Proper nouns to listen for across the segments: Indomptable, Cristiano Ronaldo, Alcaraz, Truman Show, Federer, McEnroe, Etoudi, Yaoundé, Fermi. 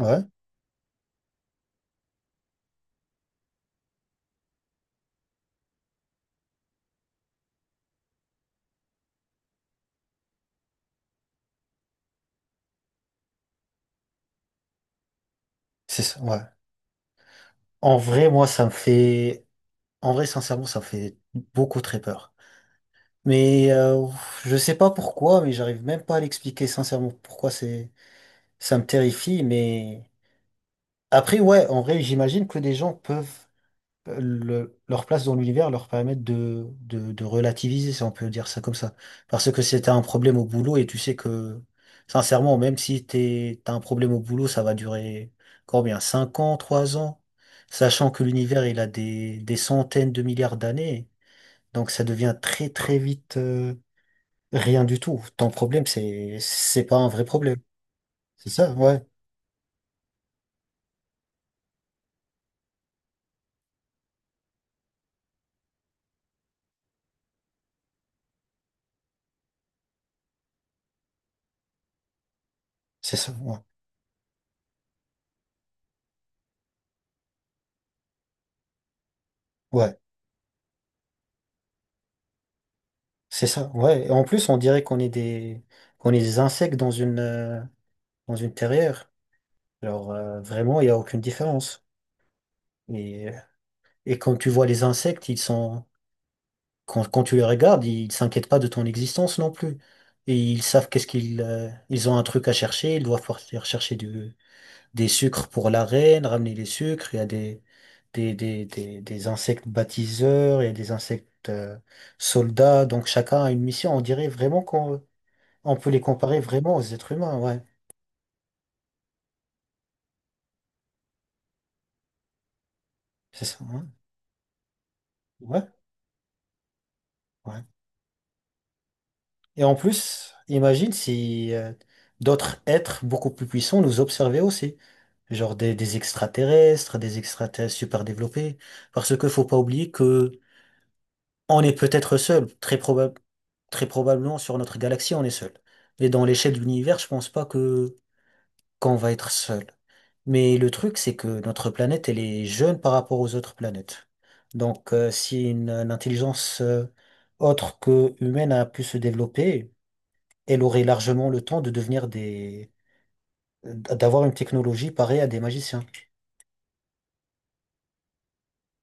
Ouais, c'est ça, ouais. En vrai, moi, ça me fait... En vrai, sincèrement, ça me fait beaucoup très peur. Mais je sais pas pourquoi, mais j'arrive même pas à l'expliquer sincèrement pourquoi c'est... ça me terrifie. Mais après, ouais, en vrai, j'imagine que des gens peuvent leur place dans l'univers leur permet de relativiser, si on peut dire ça comme ça. Parce que si t'as un problème au boulot et tu sais que, sincèrement, même si t'as un problème au boulot, ça va durer combien? 5 ans, 3 ans? Sachant que l'univers, il a des centaines de milliards d'années. Donc ça devient très très vite, rien du tout. Ton problème, c'est pas un vrai problème. C'est ça, ouais. C'est ça, ouais. Ouais. C'est ça, ouais. Et en plus, on dirait qu'on est des insectes dans une terrière. Alors, vraiment, il n'y a aucune différence. Et, et quand tu vois les insectes, quand tu les regardes, ils s'inquiètent pas de ton existence non plus. Et ils savent ils ont un truc à chercher, ils doivent partir chercher des sucres pour la reine, ramener les sucres. Il y a des insectes bâtisseurs, il y a des insectes, soldats. Donc, chacun a une mission. On dirait vraiment qu'on on peut les comparer vraiment aux êtres humains. Ouais, c'est ça. Ouais, ouais. Ouais. Et en plus, imagine si d'autres êtres beaucoup plus puissants nous observaient aussi. Genre des extraterrestres super développés. Parce que faut pas oublier que on est peut-être seul. Très probablement sur notre galaxie, on est seul. Mais dans l'échelle de l'univers, je pense pas que qu'on va être seul. Mais le truc, c'est que notre planète, elle est jeune par rapport aux autres planètes. Donc, si une intelligence autre que humaine a pu se développer, elle aurait largement le temps de d'avoir une technologie pareille à des magiciens.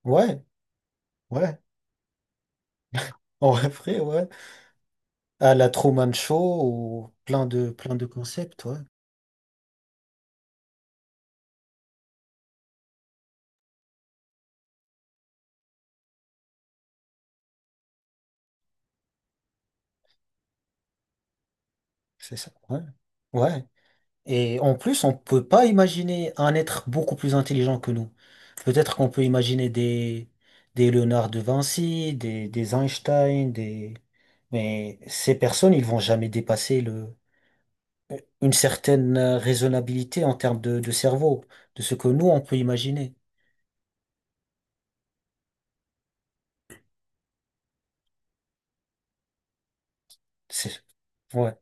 Ouais, ouais, en vrai, ouais. À la Truman Show ou plein de concepts, ouais. C'est ça, ouais. Ouais. Et en plus, on peut pas imaginer un être beaucoup plus intelligent que nous. Peut-être qu'on peut imaginer des Léonard de Vinci, des Einstein, des... Mais ces personnes, ils vont jamais dépasser une certaine raisonnabilité en termes de cerveau, de ce que nous, on peut imaginer. C'est, ouais,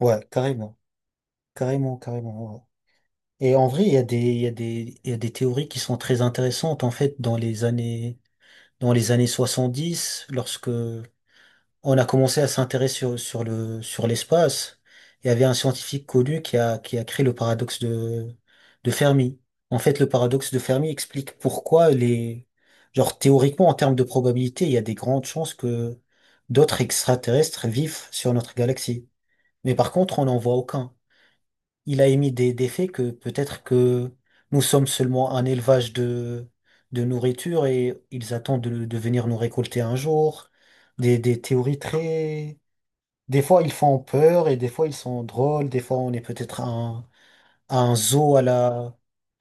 ouais, carrément, carrément, carrément. Ouais. Ouais. Et en vrai, il y a des, il y a des, il y a des théories qui sont très intéressantes, en fait, dans les années 70, lorsque on a commencé à s'intéresser sur l'espace. Il y avait un scientifique connu qui a créé le paradoxe de Fermi. En fait, le paradoxe de Fermi explique pourquoi genre, théoriquement, en termes de probabilité, il y a des grandes chances que d'autres extraterrestres vivent sur notre galaxie. Mais par contre, on n'en voit aucun. Il a émis des faits que peut-être que nous sommes seulement un élevage de nourriture et ils attendent de venir nous récolter un jour. Des théories des fois, ils font peur et des fois, ils sont drôles. Des fois, on est peut-être à un zoo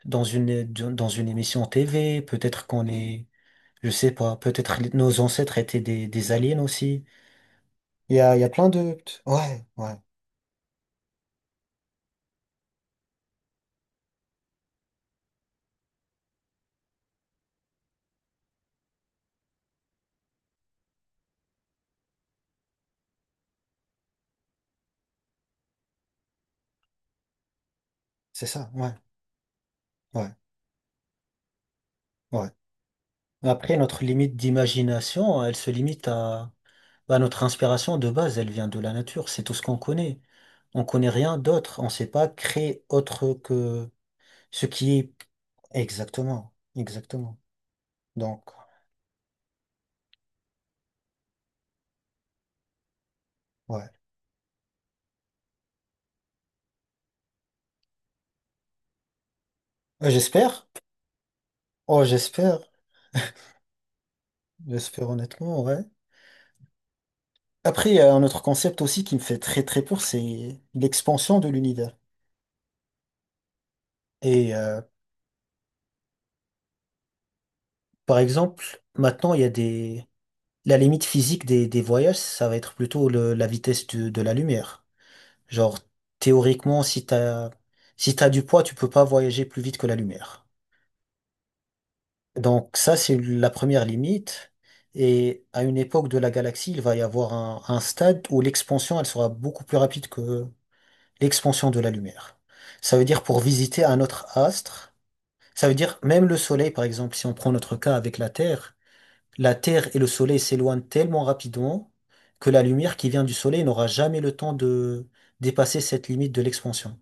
dans dans une émission TV. Peut-être qu'on est, je sais pas, peut-être nos ancêtres étaient des aliens aussi. Il y a plein de... Ouais, ouais, c'est ça, ouais, ouais, ouais. Après, notre limite d'imagination, elle se limite à notre inspiration de base, elle vient de la nature. C'est tout ce qu'on connaît. On connaît rien d'autre. On sait pas créer autre que... Ce qui est exactement, exactement. Donc, ouais. J'espère. Oh, j'espère. J'espère honnêtement, ouais. Après, il y a un autre concept aussi qui me fait très très peur, c'est l'expansion de l'univers. Et par exemple, maintenant, il y a des... La limite physique des voyages, ça va être plutôt la vitesse de la lumière. Genre, théoriquement, si t'as du poids, tu peux pas voyager plus vite que la lumière. Donc ça, c'est la première limite. Et à une époque de la galaxie, il va y avoir un stade où l'expansion, elle sera beaucoup plus rapide que l'expansion de la lumière. Ça veut dire pour visiter un autre astre, ça veut dire même le Soleil, par exemple, si on prend notre cas avec la Terre et le Soleil s'éloignent tellement rapidement que la lumière qui vient du Soleil n'aura jamais le temps de dépasser cette limite de l'expansion.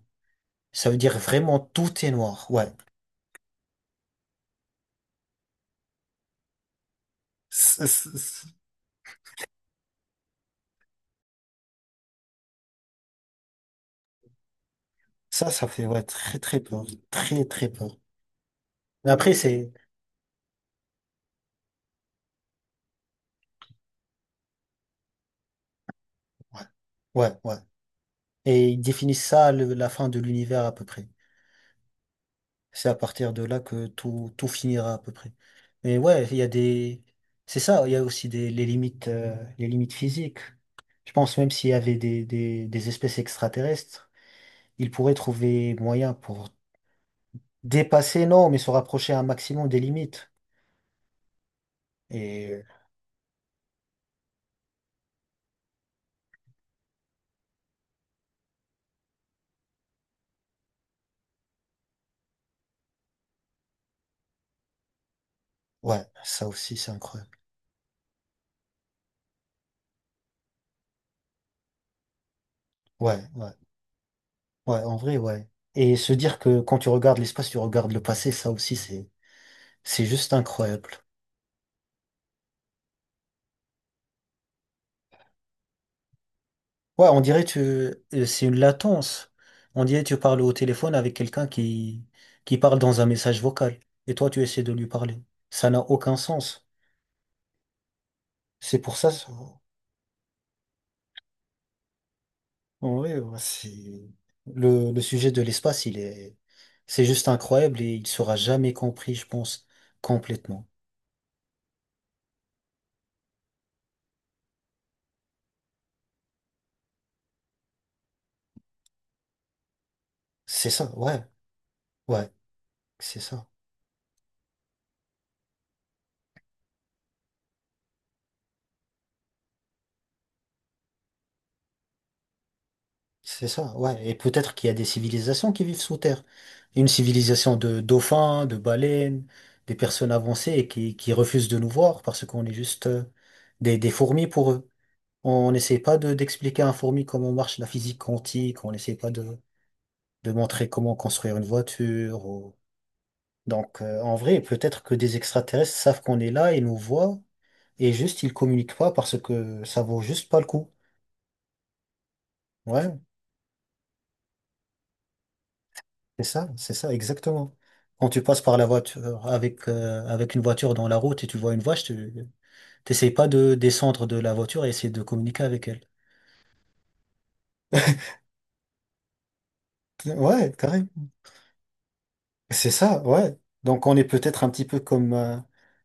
Ça veut dire vraiment tout est noir. Ouais. Ça fait ouais, très très peur. Très très peur. Mais après, c'est... Ouais, ouais, ouais. Et ils définissent ça, la fin de l'univers à peu près. C'est à partir de là que tout finira à peu près. Mais ouais, il y a des... C'est ça, il y a aussi les limites physiques. Je pense même s'il y avait des espèces extraterrestres, ils pourraient trouver moyen pour dépasser, non, mais se rapprocher un maximum des limites. Et ouais, ça aussi, c'est incroyable. Ouais, ouais. Ouais, en vrai, ouais. Et se dire que quand tu regardes l'espace, tu regardes le passé, ça aussi, c'est juste incroyable. Ouais, on dirait c'est une latence. On dirait tu parles au téléphone avec quelqu'un qui parle dans un message vocal. Et toi, tu essaies de lui parler. Ça n'a aucun sens. C'est pour ça, ça- en ouais, le sujet de l'espace, c'est juste incroyable et il sera jamais compris, je pense, complètement. C'est ça, ouais, ouais, c'est ça. C'est ça, ouais. Et peut-être qu'il y a des civilisations qui vivent sous terre. Une civilisation de dauphins, de baleines, des personnes avancées et qui refusent de nous voir parce qu'on est juste des fourmis pour eux. On n'essaie pas d'expliquer à un fourmi comment marche la physique quantique, on n'essaie pas de montrer comment construire une voiture. Donc, en vrai, peut-être que des extraterrestres savent qu'on est là et nous voient et juste ils communiquent pas parce que ça vaut juste pas le coup. Ouais, c'est ça, c'est ça, exactement. Quand tu passes par la voiture avec une voiture dans la route et tu vois une vache, tu t'essayes pas de descendre de la voiture et essayer de communiquer avec elle. Ouais, carrément. C'est ça, ouais. Donc on est peut-être un petit peu comme,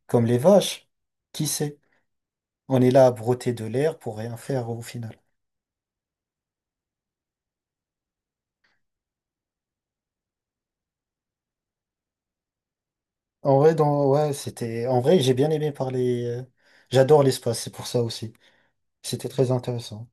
comme les vaches. Qui sait? On est là à broter de l'air pour rien faire au final. En vrai, ouais, en vrai, j'ai bien aimé parler. J'adore l'espace, c'est pour ça aussi. C'était très intéressant.